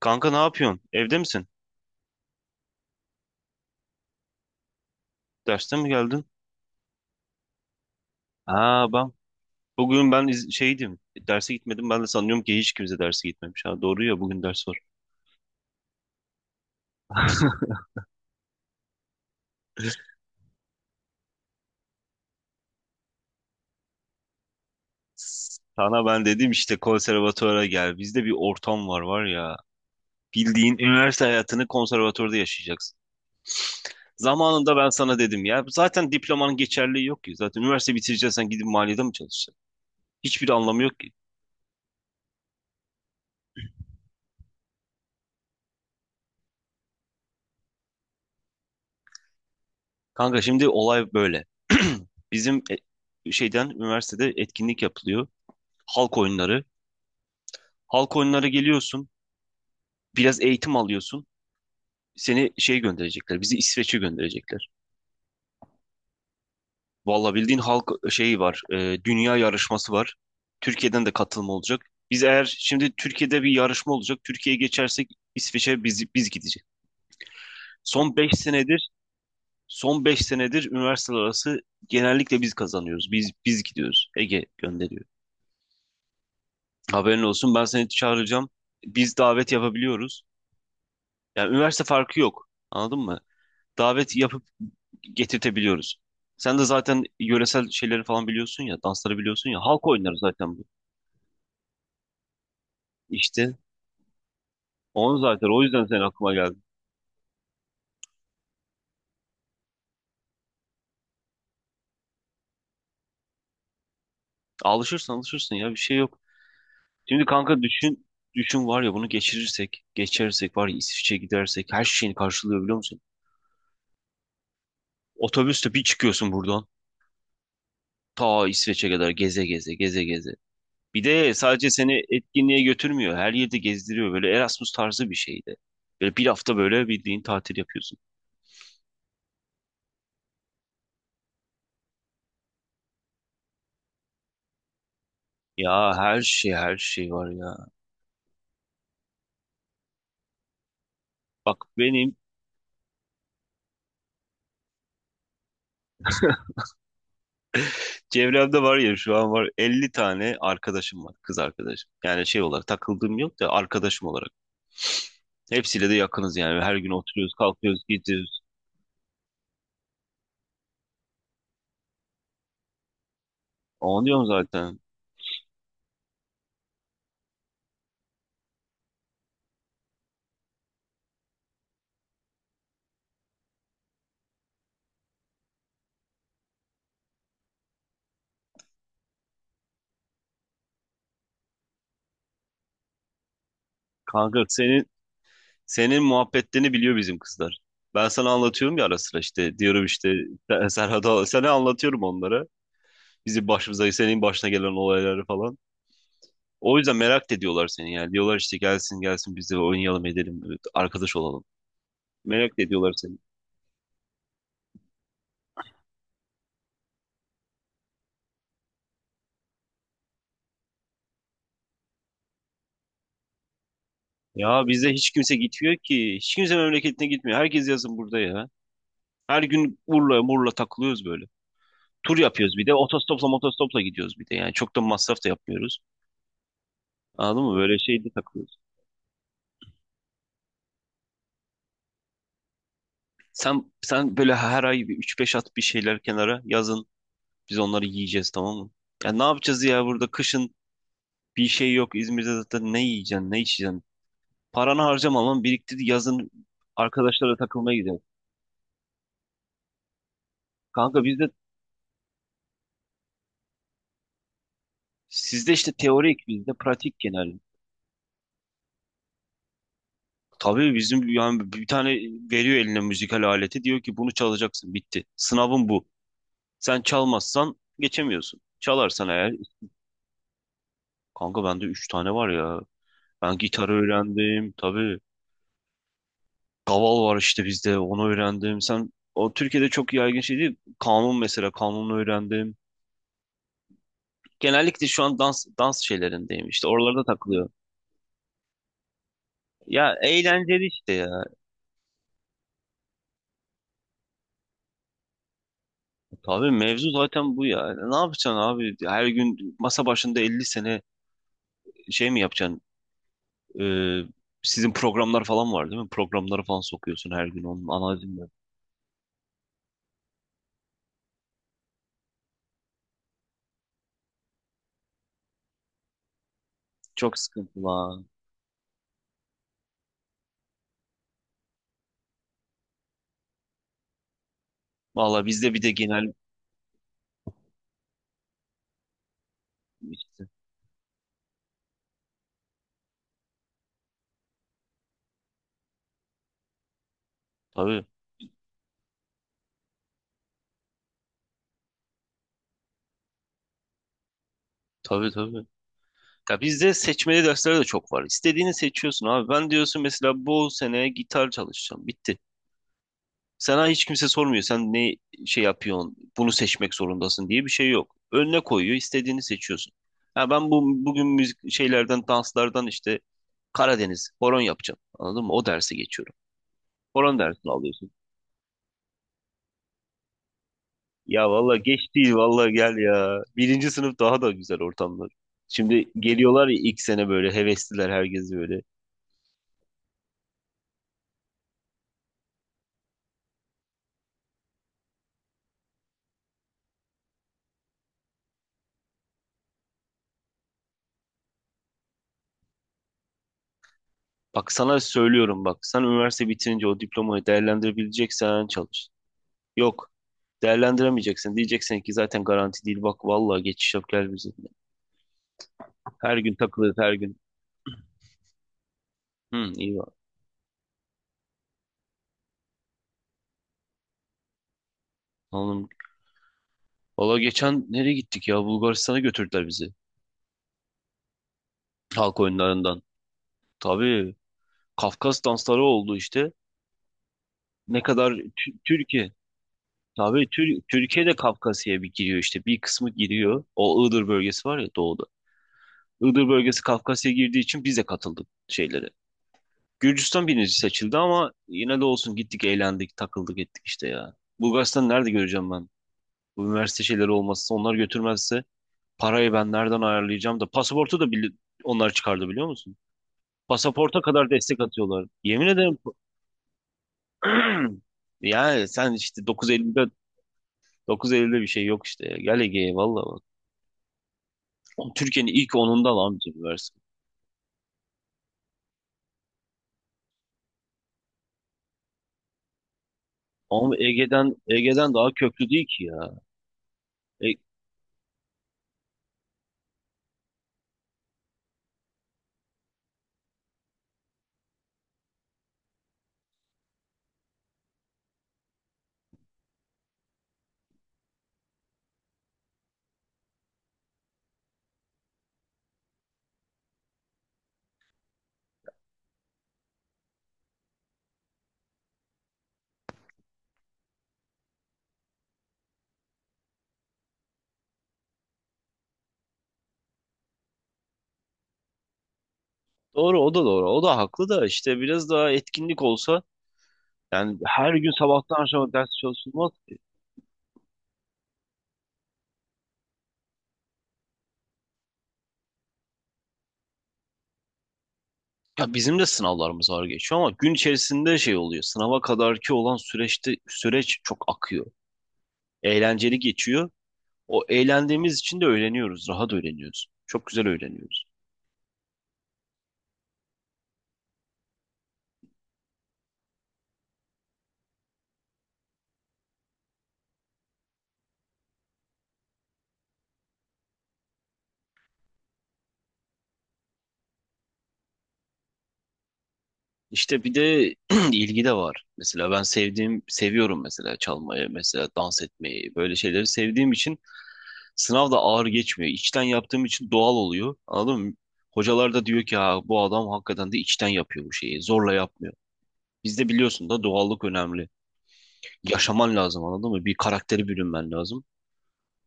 Kanka ne yapıyorsun? Evde misin? Derste mi geldin? Aa ben bugün şeydim. Derse gitmedim. Ben de sanıyorum ki hiç kimse derse gitmemiş. Ha doğru ya bugün ders var. Sana ben dedim işte konservatuvara gel. Bizde bir ortam var var ya. Bildiğin üniversite hayatını konservatuvarda yaşayacaksın. Zamanında ben sana dedim ya. Zaten diplomanın geçerliği yok ki. Zaten üniversite bitireceksen gidip maliyede mi çalışacaksın? Hiçbir anlamı yok ki. Kanka şimdi olay böyle. Bizim şeyden üniversitede etkinlik yapılıyor. Halk oyunları. Halk oyunları geliyorsun, biraz eğitim alıyorsun. Seni şey gönderecekler, bizi İsveç'e gönderecekler. Valla bildiğin halk şeyi var, dünya yarışması var. Türkiye'den de katılım olacak. Biz eğer şimdi Türkiye'de bir yarışma olacak, Türkiye'ye geçersek İsveç'e biz gidecek. Son 5 senedir, son 5 senedir üniversiteler arası genellikle biz kazanıyoruz. Biz gidiyoruz. Ege gönderiyor. Haberin olsun ben seni çağıracağım. Biz davet yapabiliyoruz. Yani üniversite farkı yok. Anladın mı? Davet yapıp getirtebiliyoruz. Sen de zaten yöresel şeyleri falan biliyorsun ya, dansları biliyorsun ya. Halk oyunları zaten bu. İşte onu zaten o yüzden senin aklıma geldi. Alışırsan alışırsın ya bir şey yok. Şimdi kanka düşün düşün var ya bunu geçirirsek, geçersek var ya İsviçre'ye gidersek her şeyini karşılıyor biliyor musun? Otobüste bir çıkıyorsun buradan ta İsveç'e kadar geze geze geze geze. Bir de sadece seni etkinliğe götürmüyor. Her yerde gezdiriyor böyle Erasmus tarzı bir şeydi. Böyle bir hafta böyle bildiğin tatil yapıyorsun. Ya her şey her şey var ya. Bak benim çevremde var ya şu an var 50 tane arkadaşım var kız arkadaşım. Yani şey olarak takıldığım yok da arkadaşım olarak. Hepsiyle de yakınız yani. Her gün oturuyoruz, kalkıyoruz, gidiyoruz. Anlıyorum zaten. Kanka senin muhabbetlerini biliyor bizim kızlar. Ben sana anlatıyorum ya ara sıra işte diyorum işte Serhat'a sana anlatıyorum onlara. Bizim başımıza senin başına gelen olayları falan. O yüzden merak da ediyorlar seni yani. Diyorlar işte gelsin gelsin biz de oynayalım edelim evet, arkadaş olalım. Merak da ediyorlar seni. Ya bizde hiç kimse gitmiyor ki. Hiç kimse memleketine gitmiyor. Herkes yazın burada ya. Her gün Urla Murla takılıyoruz böyle. Tur yapıyoruz bir de. Otostopla motostopla gidiyoruz bir de. Yani çok da masraf da yapmıyoruz. Anladın mı? Böyle şeyde takılıyoruz. Sen böyle her ay bir 3-5 at bir şeyler kenara yazın. Biz onları yiyeceğiz tamam mı? Ya ne yapacağız ya burada kışın bir şey yok. İzmir'de zaten ne yiyeceksin, ne içeceksin? Paranı harcamamam biriktir yazın arkadaşlara takılmaya gidelim. Kanka bizde sizde işte teorik bizde pratik genel. Tabii bizim yani bir tane veriyor eline müzikal aleti diyor ki bunu çalacaksın bitti. Sınavın bu. Sen çalmazsan geçemiyorsun. Çalarsan eğer kanka bende üç tane var ya. Ben gitar öğrendim tabii. Kaval var işte bizde onu öğrendim. Sen o Türkiye'de çok yaygın şey değil. Kanun mesela kanunu öğrendim. Genellikle şu an dans şeylerindeyim. İşte oralarda takılıyorum. Ya eğlenceli işte ya. Tabii mevzu zaten bu ya. Ne yapacaksın abi? Her gün masa başında 50 sene şey mi yapacaksın? Ee, sizin programlar falan var değil mi? Programları falan sokuyorsun her gün onun analizini. Çok sıkıntı lan. Valla bizde bir de genel... Tabii tabii tabii. Ya bizde seçmeli dersler de çok var. İstediğini seçiyorsun abi. Ben diyorsun mesela bu sene gitar çalışacağım. Bitti. Sana hiç kimse sormuyor. Sen ne şey yapıyorsun? Bunu seçmek zorundasın diye bir şey yok. Önüne koyuyor, istediğini seçiyorsun. Ha ben bu bugün müzik şeylerden, danslardan işte Karadeniz, horon yapacağım. Anladın mı? O dersi geçiyorum. Horon dersini alıyorsun. Ya valla geç değil valla gel ya. Birinci sınıf daha da güzel ortamlar. Şimdi geliyorlar ya ilk sene böyle hevesliler herkes böyle. Bak sana söylüyorum bak. Sen üniversite bitirince o diplomayı değerlendirebileceksen çalış. Yok değerlendiremeyeceksin. Diyeceksin ki zaten garanti değil. Bak valla geçiş yap gel bize. Her gün takılırız her gün. Hı, iyi var. Anladım. Valla geçen nereye gittik ya? Bulgaristan'a götürdüler bizi. Halk oyunlarından. Tabii Kafkas dansları oldu işte. Ne kadar Türkiye. Tabii Türkiye de Kafkasya'ya bir giriyor işte. Bir kısmı giriyor. O Iğdır bölgesi var ya doğuda. Iğdır bölgesi Kafkasya'ya girdiği için biz de katıldık şeylere. Gürcistan birinci seçildi ama yine de olsun gittik eğlendik takıldık ettik işte ya. Bulgaristan'ı nerede göreceğim ben? Bu üniversite şeyleri olmazsa onlar götürmezse parayı ben nereden ayarlayacağım da pasaportu da onlar çıkardı biliyor musun? Pasaporta kadar destek atıyorlar. Yemin ederim. Yani sen işte dokuz Eylül'de dokuz 9.50'de bir şey yok işte. Ya. Gel Ege'ye valla bak. Türkiye'nin ilk onunda lan amca bir versin. Ama Ege'den daha köklü değil ki ya. E, doğru o da doğru. O da haklı da işte biraz daha etkinlik olsa yani her gün sabahtan akşama ders çalışılmaz. Ya bizim de sınavlarımız ağır geçiyor ama gün içerisinde şey oluyor. Sınava kadarki olan süreçte süreç çok akıyor. Eğlenceli geçiyor. O eğlendiğimiz için de öğreniyoruz. Rahat öğreniyoruz. Çok güzel öğreniyoruz. İşte bir de ilgi de var. Mesela ben sevdiğim, seviyorum mesela çalmayı, mesela dans etmeyi, böyle şeyleri sevdiğim için sınav da ağır geçmiyor. İçten yaptığım için doğal oluyor. Anladın mı? Hocalar da diyor ki ha, bu adam hakikaten de içten yapıyor bu şeyi. Zorla yapmıyor. Bizde biliyorsun da doğallık önemli. Yaşaman lazım anladın mı? Bir karaktere bürünmen lazım.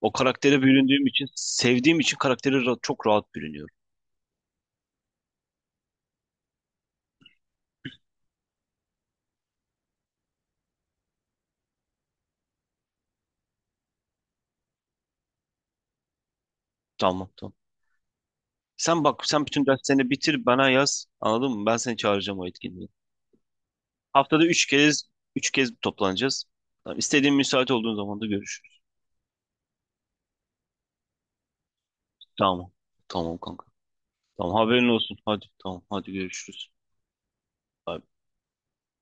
O karaktere büründüğüm için, sevdiğim için karakteri çok rahat bürünüyorum. Tamam tamam. Sen bak sen bütün derslerini bitir bana yaz. Anladın mı? Ben seni çağıracağım o etkinliğe. Haftada üç kez toplanacağız. Tamam, istediğin müsait olduğun zaman da görüşürüz. Tamam. Tamam kanka. Tamam haberin olsun. Hadi tamam hadi görüşürüz. Bay bay.